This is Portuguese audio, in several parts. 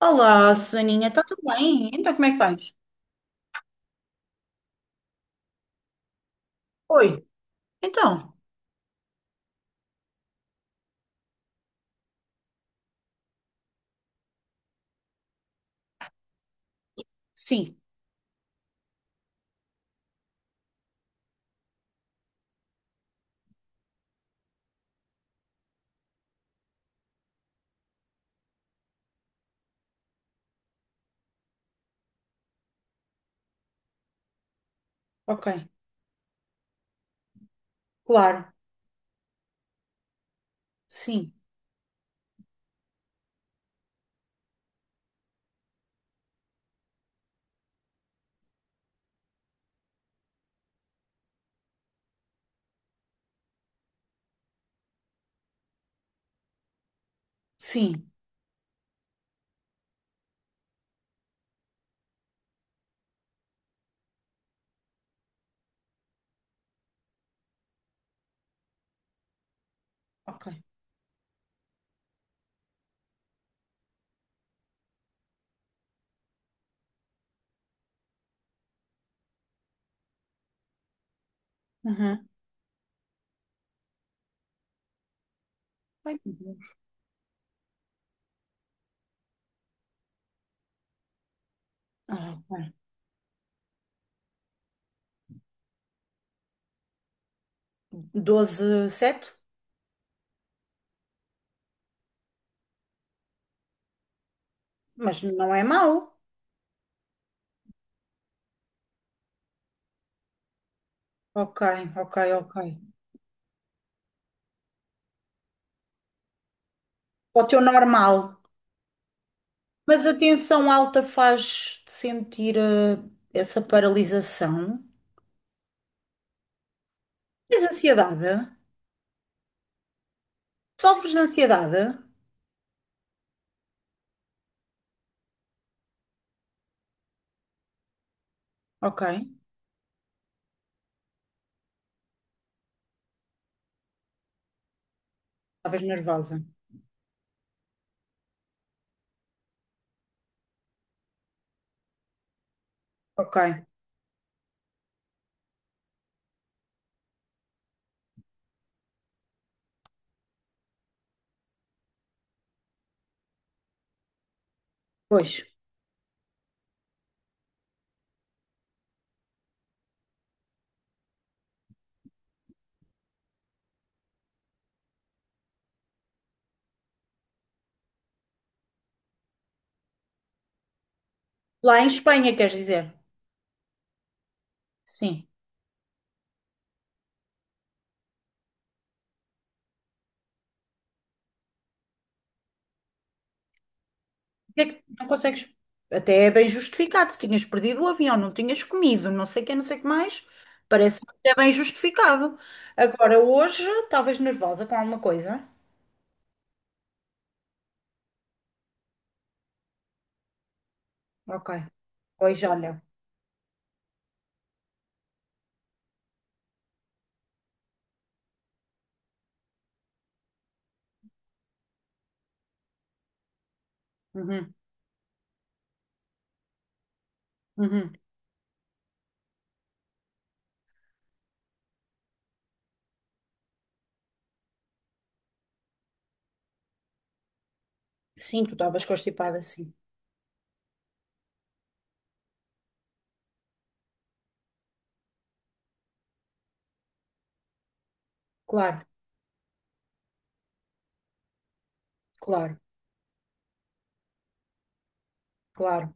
Olá, Saninha, está tudo bem? Então, como é que vais? Oi, então, sim, ok, claro, sim, sim, ok. Uhum. Ai, meu Deus. Ah, ok. 12, 7, mas não é mau. Ok, ok, ok. O teu normal. Mas a tensão alta faz-te sentir essa paralisação. Tens ansiedade? Sofres de ansiedade? Ok, talvez nervosa. Ok, pois. Lá em Espanha, queres dizer? Sim. Porque é que não consegues? Até é bem justificado. Se tinhas perdido o avião, não tinhas comido, não sei o que, não sei o que mais, parece até bem justificado. Agora, hoje, estavas nervosa com alguma coisa? Ok. Pois olha. Uhum, uhum. Sim, tu estavas constipada, sim. Claro, claro, claro.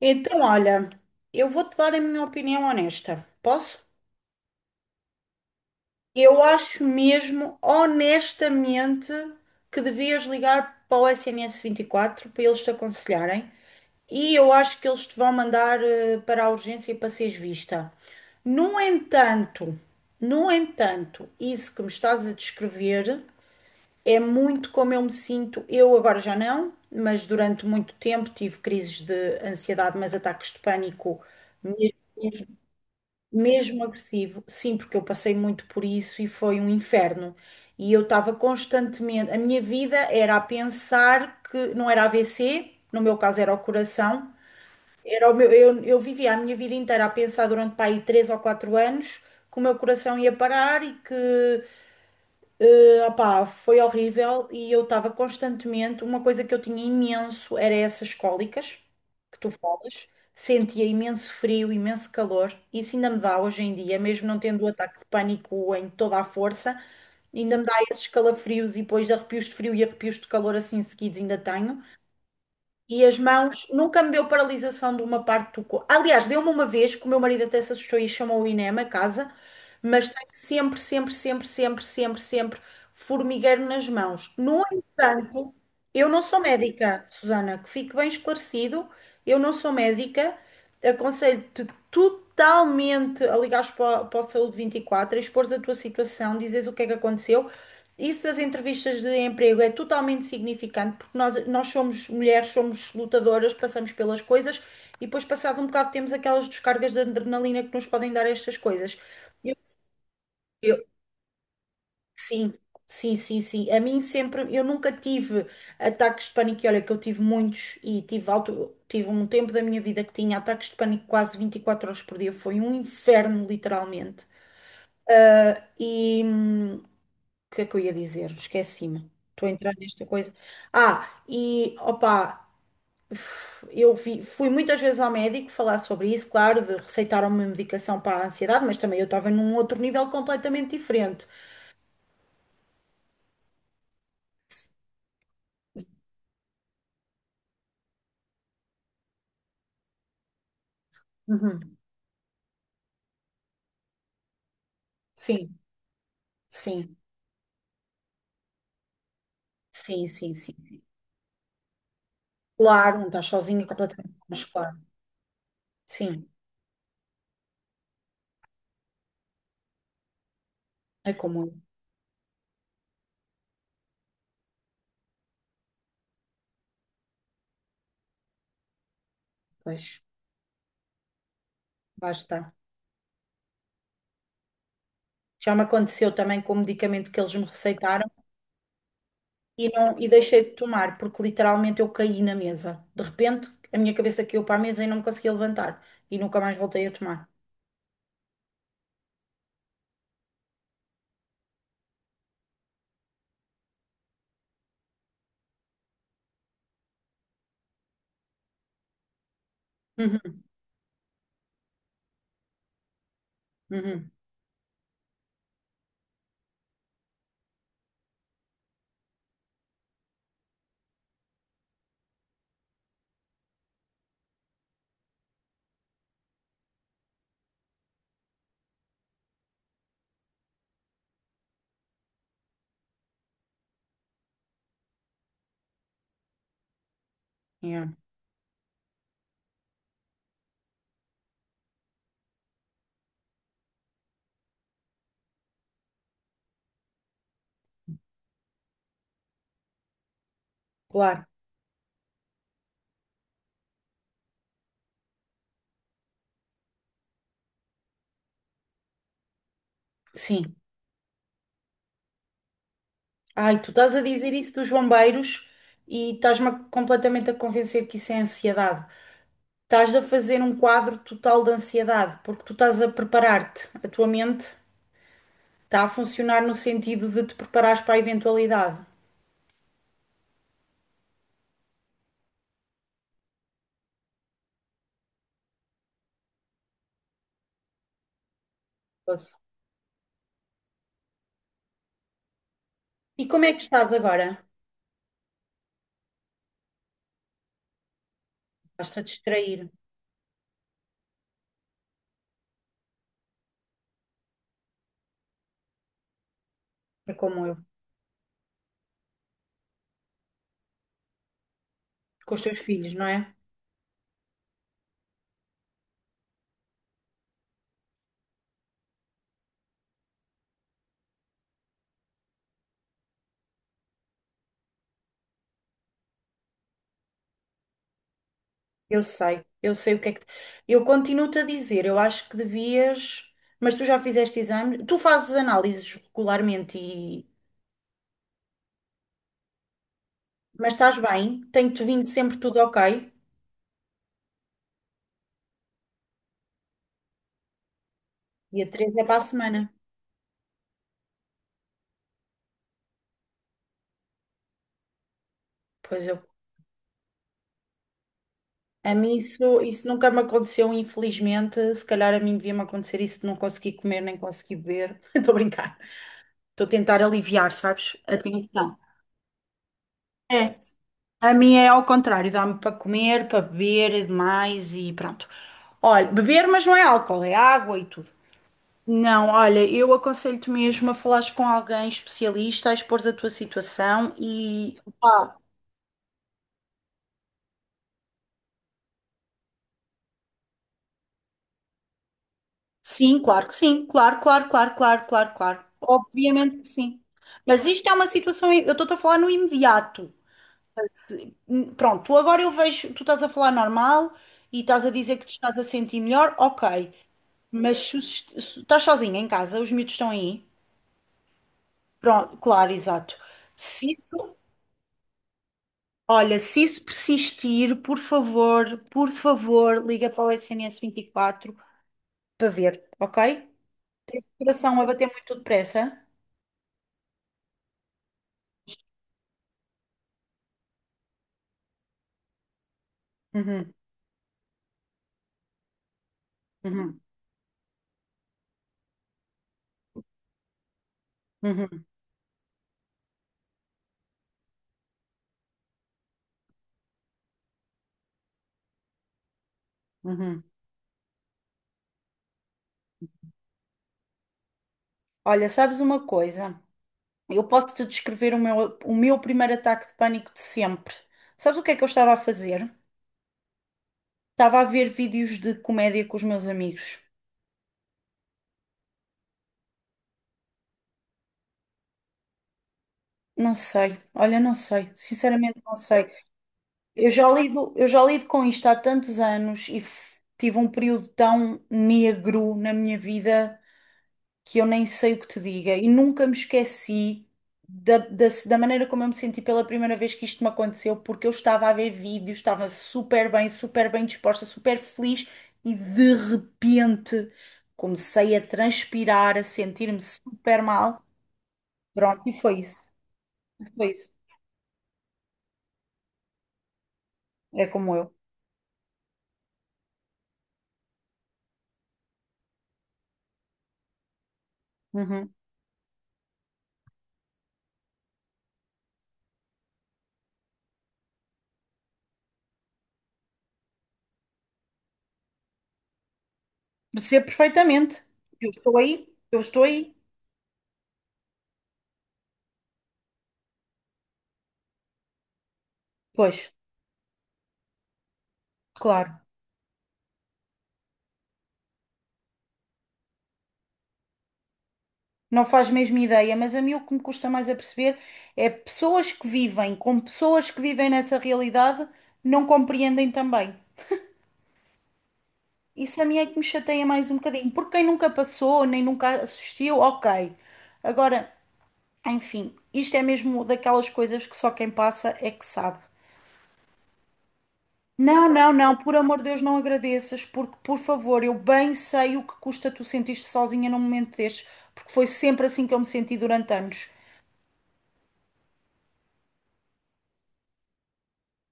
Então, olha, eu vou-te dar a minha opinião honesta. Posso? Eu acho mesmo, honestamente, que devias ligar para o SNS quatro, para eles te aconselharem. E eu acho que eles te vão mandar para a urgência para seres vista. No entanto, no entanto, isso que me estás a descrever é muito como eu me sinto. Eu agora já não, mas durante muito tempo tive crises de ansiedade, mas ataques de pânico mesmo agressivo, sim, porque eu passei muito por isso e foi um inferno. E eu estava constantemente, a minha vida era a pensar que não era AVC, no meu caso era o coração, era o meu, eu vivia a minha vida inteira a pensar durante pá, aí 3 ou 4 anos que o meu coração ia parar e que opá, foi horrível e eu estava constantemente. Uma coisa que eu tinha imenso era essas cólicas que tu falas. Sentia imenso frio, imenso calor. Isso ainda me dá hoje em dia, mesmo não tendo o ataque de pânico em toda a força, ainda me dá esses calafrios e depois arrepios de frio e arrepios de calor assim seguidos ainda tenho. E as mãos nunca me deu paralisação de uma parte do corpo. Aliás, deu-me uma vez que o meu marido até se assustou e chamou o INEM a casa, mas tenho sempre, sempre, sempre, sempre, sempre, sempre formigueiro nas mãos. No entanto, eu não sou médica, Susana, que fique bem esclarecido, eu não sou médica, aconselho-te totalmente a ligares para o Saúde 24, a expores a tua situação, dizes o que é que aconteceu. Isso das entrevistas de emprego é totalmente significante, porque nós somos mulheres, somos lutadoras, passamos pelas coisas e depois, passado um bocado, temos aquelas descargas de adrenalina que nos podem dar estas coisas. Eu, Sim, sim, sim, sim. A mim sempre, eu nunca tive ataques de pânico, e olha que eu tive muitos e tive alto, tive um tempo da minha vida que tinha ataques de pânico quase 24 horas por dia, foi um inferno, literalmente. E o que é que eu ia dizer? Esqueci-me. Estou a entrar nesta coisa. Ah, e opá, eu fui muitas vezes ao médico falar sobre isso, claro, de receitaram uma medicação para a ansiedade, mas também eu estava num outro nível completamente diferente. Uhum. Sim, sim, sim, sim, sim. Claro, não estás sozinha completamente, mas claro, sim, é como eu, pois, lá está. Já me aconteceu também com o medicamento que eles me receitaram e, não, e deixei de tomar, porque literalmente eu caí na mesa. De repente, a minha cabeça caiu para a mesa e não me conseguia levantar e nunca mais voltei a tomar. Uhum, uhum, yeah, claro, sim. Ai, tu estás a dizer isso dos bombeiros e estás-me completamente a convencer que isso é ansiedade. Estás a fazer um quadro total de ansiedade, porque tu estás a preparar-te, a tua mente. Está a funcionar no sentido de te preparares para a eventualidade. Pois. E como é que estás agora? Estás-te distrair, é como eu, com os teus filhos, não é? Eu sei o que é que. Eu continuo-te a dizer, eu acho que devias, mas tu já fizeste exames, tu fazes análises regularmente e. Mas estás bem, tem-te vindo sempre tudo ok. Dia 3 é para a semana. Pois eu. A mim isso nunca me aconteceu, infelizmente. Se calhar a mim devia-me acontecer isso de não conseguir comer nem conseguir beber. Estou a brincar. Estou a tentar aliviar, sabes? A tensão. É. A minha é ao contrário, dá-me para comer, para beber demais e pronto. Olha, beber, mas não é álcool, é água e tudo. Não, olha, eu aconselho-te mesmo a falares com alguém especialista, a expor a tua situação e. Pá, sim, claro que sim, claro, claro, claro, claro, claro, claro. Obviamente que sim. Mas isto é uma situação, eu estou-te a falar no imediato. Pronto, agora eu vejo, tu estás a falar normal e estás a dizer que te estás a sentir melhor, ok. Mas se, se estás sozinha em casa, os miúdos estão aí. Pronto, claro, exato. Se isso, Olha, se isso persistir, por favor, liga para o SNS 24 para ver, ok? Coração a bater muito depressa. Uhum, uhum, uhum, uhum. Olha, sabes uma coisa? Eu posso-te descrever o meu primeiro ataque de pânico de sempre. Sabes o que é que eu estava a fazer? Estava a ver vídeos de comédia com os meus amigos. Não sei, olha, não sei, sinceramente não sei. Eu já lido com isto há tantos anos e tive um período tão negro na minha vida. Que eu nem sei o que te diga e nunca me esqueci da maneira como eu me senti pela primeira vez que isto me aconteceu, porque eu estava a ver vídeos, estava super bem disposta, super feliz e de repente comecei a transpirar, a sentir-me super mal. Pronto, e foi isso, foi isso. É como eu. Uhum. Percebo perfeitamente. Eu estou aí, eu estou aí. Pois, claro. Não faz mesmo ideia, mas a mim o que me custa mais a perceber é pessoas que vivem com pessoas que vivem nessa realidade não compreendem também. Isso a mim é que me chateia mais um bocadinho, porque quem nunca passou, nem nunca assistiu, ok. Agora, enfim, isto é mesmo daquelas coisas que só quem passa é que sabe. Não, não, não, por amor de Deus, não agradeças, porque, por favor, eu bem sei o que custa tu sentir-te sozinha num momento destes, porque foi sempre assim que eu me senti durante anos.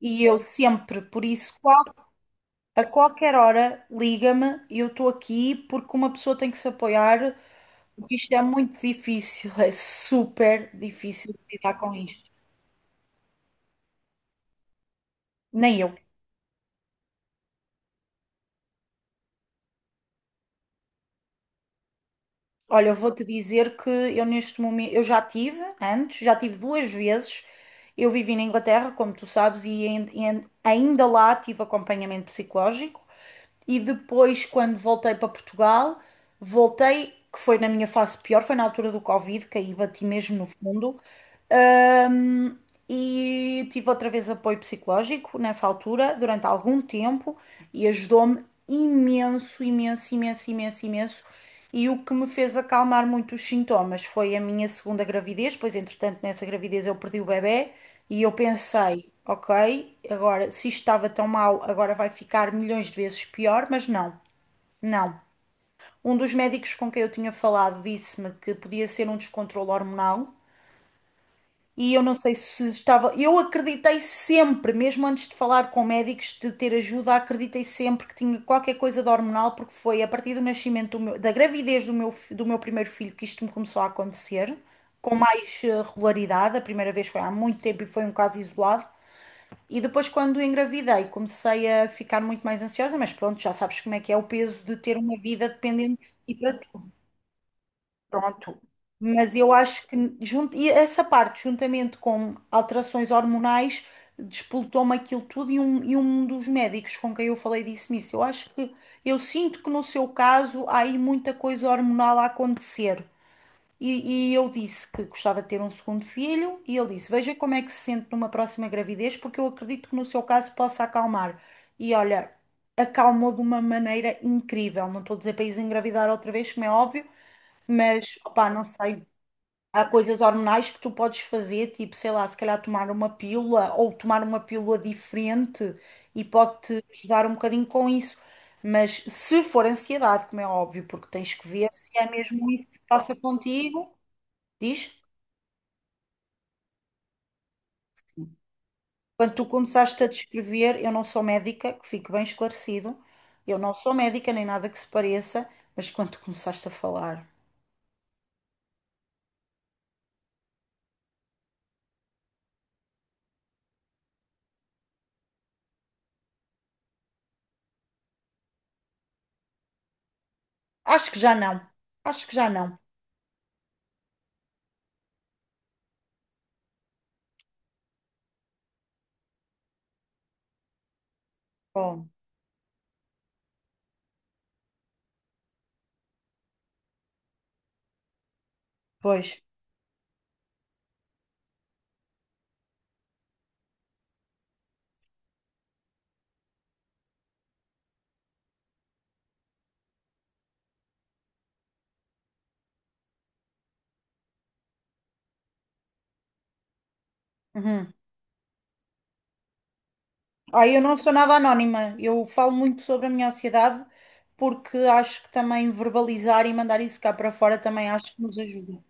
E eu sempre, por isso, qual A qualquer hora, liga-me, eu estou aqui porque uma pessoa tem que se apoiar, porque isto é muito difícil, é super difícil lidar com isto. Nem eu. Olha, eu vou-te dizer que eu neste momento, eu já tive antes, já tive duas vezes. Eu vivi na Inglaterra, como tu sabes, e ainda lá tive acompanhamento psicológico. E depois, quando voltei para Portugal, que foi na minha fase pior, foi na altura do Covid, que aí bati mesmo no fundo. Ahm, e tive outra vez apoio psicológico nessa altura, durante algum tempo, e ajudou-me imenso, imenso, imenso, imenso, imenso. E o que me fez acalmar muito os sintomas foi a minha segunda gravidez, pois entretanto nessa gravidez eu perdi o bebê e eu pensei, ok, agora se isto estava tão mal, agora vai ficar milhões de vezes pior, mas não, não. Um dos médicos com quem eu tinha falado disse-me que podia ser um descontrolo hormonal, e eu não sei se estava. Eu acreditei sempre, mesmo antes de falar com médicos, de ter ajuda, acreditei sempre que tinha qualquer coisa de hormonal, porque foi a partir do nascimento da gravidez do meu primeiro filho que isto me começou a acontecer, com mais regularidade. A primeira vez foi há muito tempo e foi um caso isolado. E depois, quando engravidei, comecei a ficar muito mais ansiosa, mas pronto, já sabes como é que é o peso de ter uma vida dependente e para ti. Pronto. Mas eu acho que junto, e essa parte, juntamente com alterações hormonais, despoltou-me aquilo tudo e um dos médicos com quem eu falei disse-me isso. Eu acho que, eu sinto que no seu caso há aí muita coisa hormonal a acontecer. E eu disse que gostava de ter um segundo filho e ele disse, veja como é que se sente numa próxima gravidez, porque eu acredito que no seu caso possa acalmar. E olha, acalmou de uma maneira incrível. Não estou a dizer para isso engravidar outra vez, como é óbvio, mas, opá, não sei. Há coisas hormonais que tu podes fazer, tipo, sei lá, se calhar tomar uma pílula ou tomar uma pílula diferente e pode-te ajudar um bocadinho com isso. Mas se for ansiedade, como é óbvio, porque tens que ver se é mesmo isso que passa contigo, diz? Quando tu começaste a descrever, eu não sou médica, que fique bem esclarecido, eu não sou médica nem nada que se pareça, mas quando tu começaste a falar, acho que já não, acho que já não. Oh, pois. Uhum. Ah, eu não sou nada anónima. Eu falo muito sobre a minha ansiedade porque acho que também verbalizar e mandar isso cá para fora também acho que nos ajuda.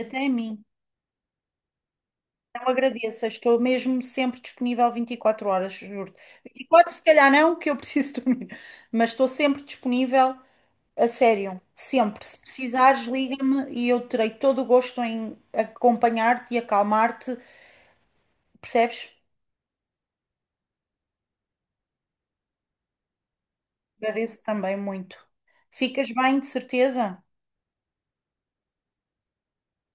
Até a mim. Não agradeço. Estou mesmo sempre disponível 24 horas, juro. Vinte e quatro se calhar não, que eu preciso dormir. Mas estou sempre disponível, a sério. Sempre. Se precisares, liga-me e eu terei todo o gosto em acompanhar-te e acalmar-te. Percebes? Agradeço também muito. Ficas bem, de certeza?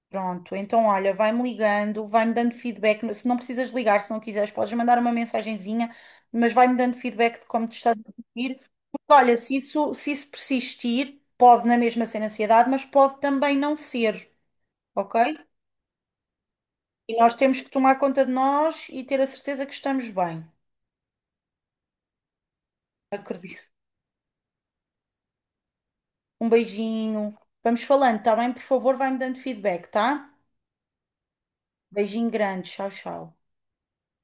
Pronto, então olha, vai-me ligando, vai-me dando feedback. Se não precisas ligar, se não quiseres, podes mandar uma mensagenzinha, mas vai-me dando feedback de como te estás a sentir. Porque olha, se isso persistir, pode na mesma ser ansiedade, mas pode também não ser, ok? E nós temos que tomar conta de nós e ter a certeza que estamos bem. Acredito. Um beijinho. Vamos falando, tá bem? Por favor, vai-me dando feedback, tá? Beijinho grande. Tchau, tchau.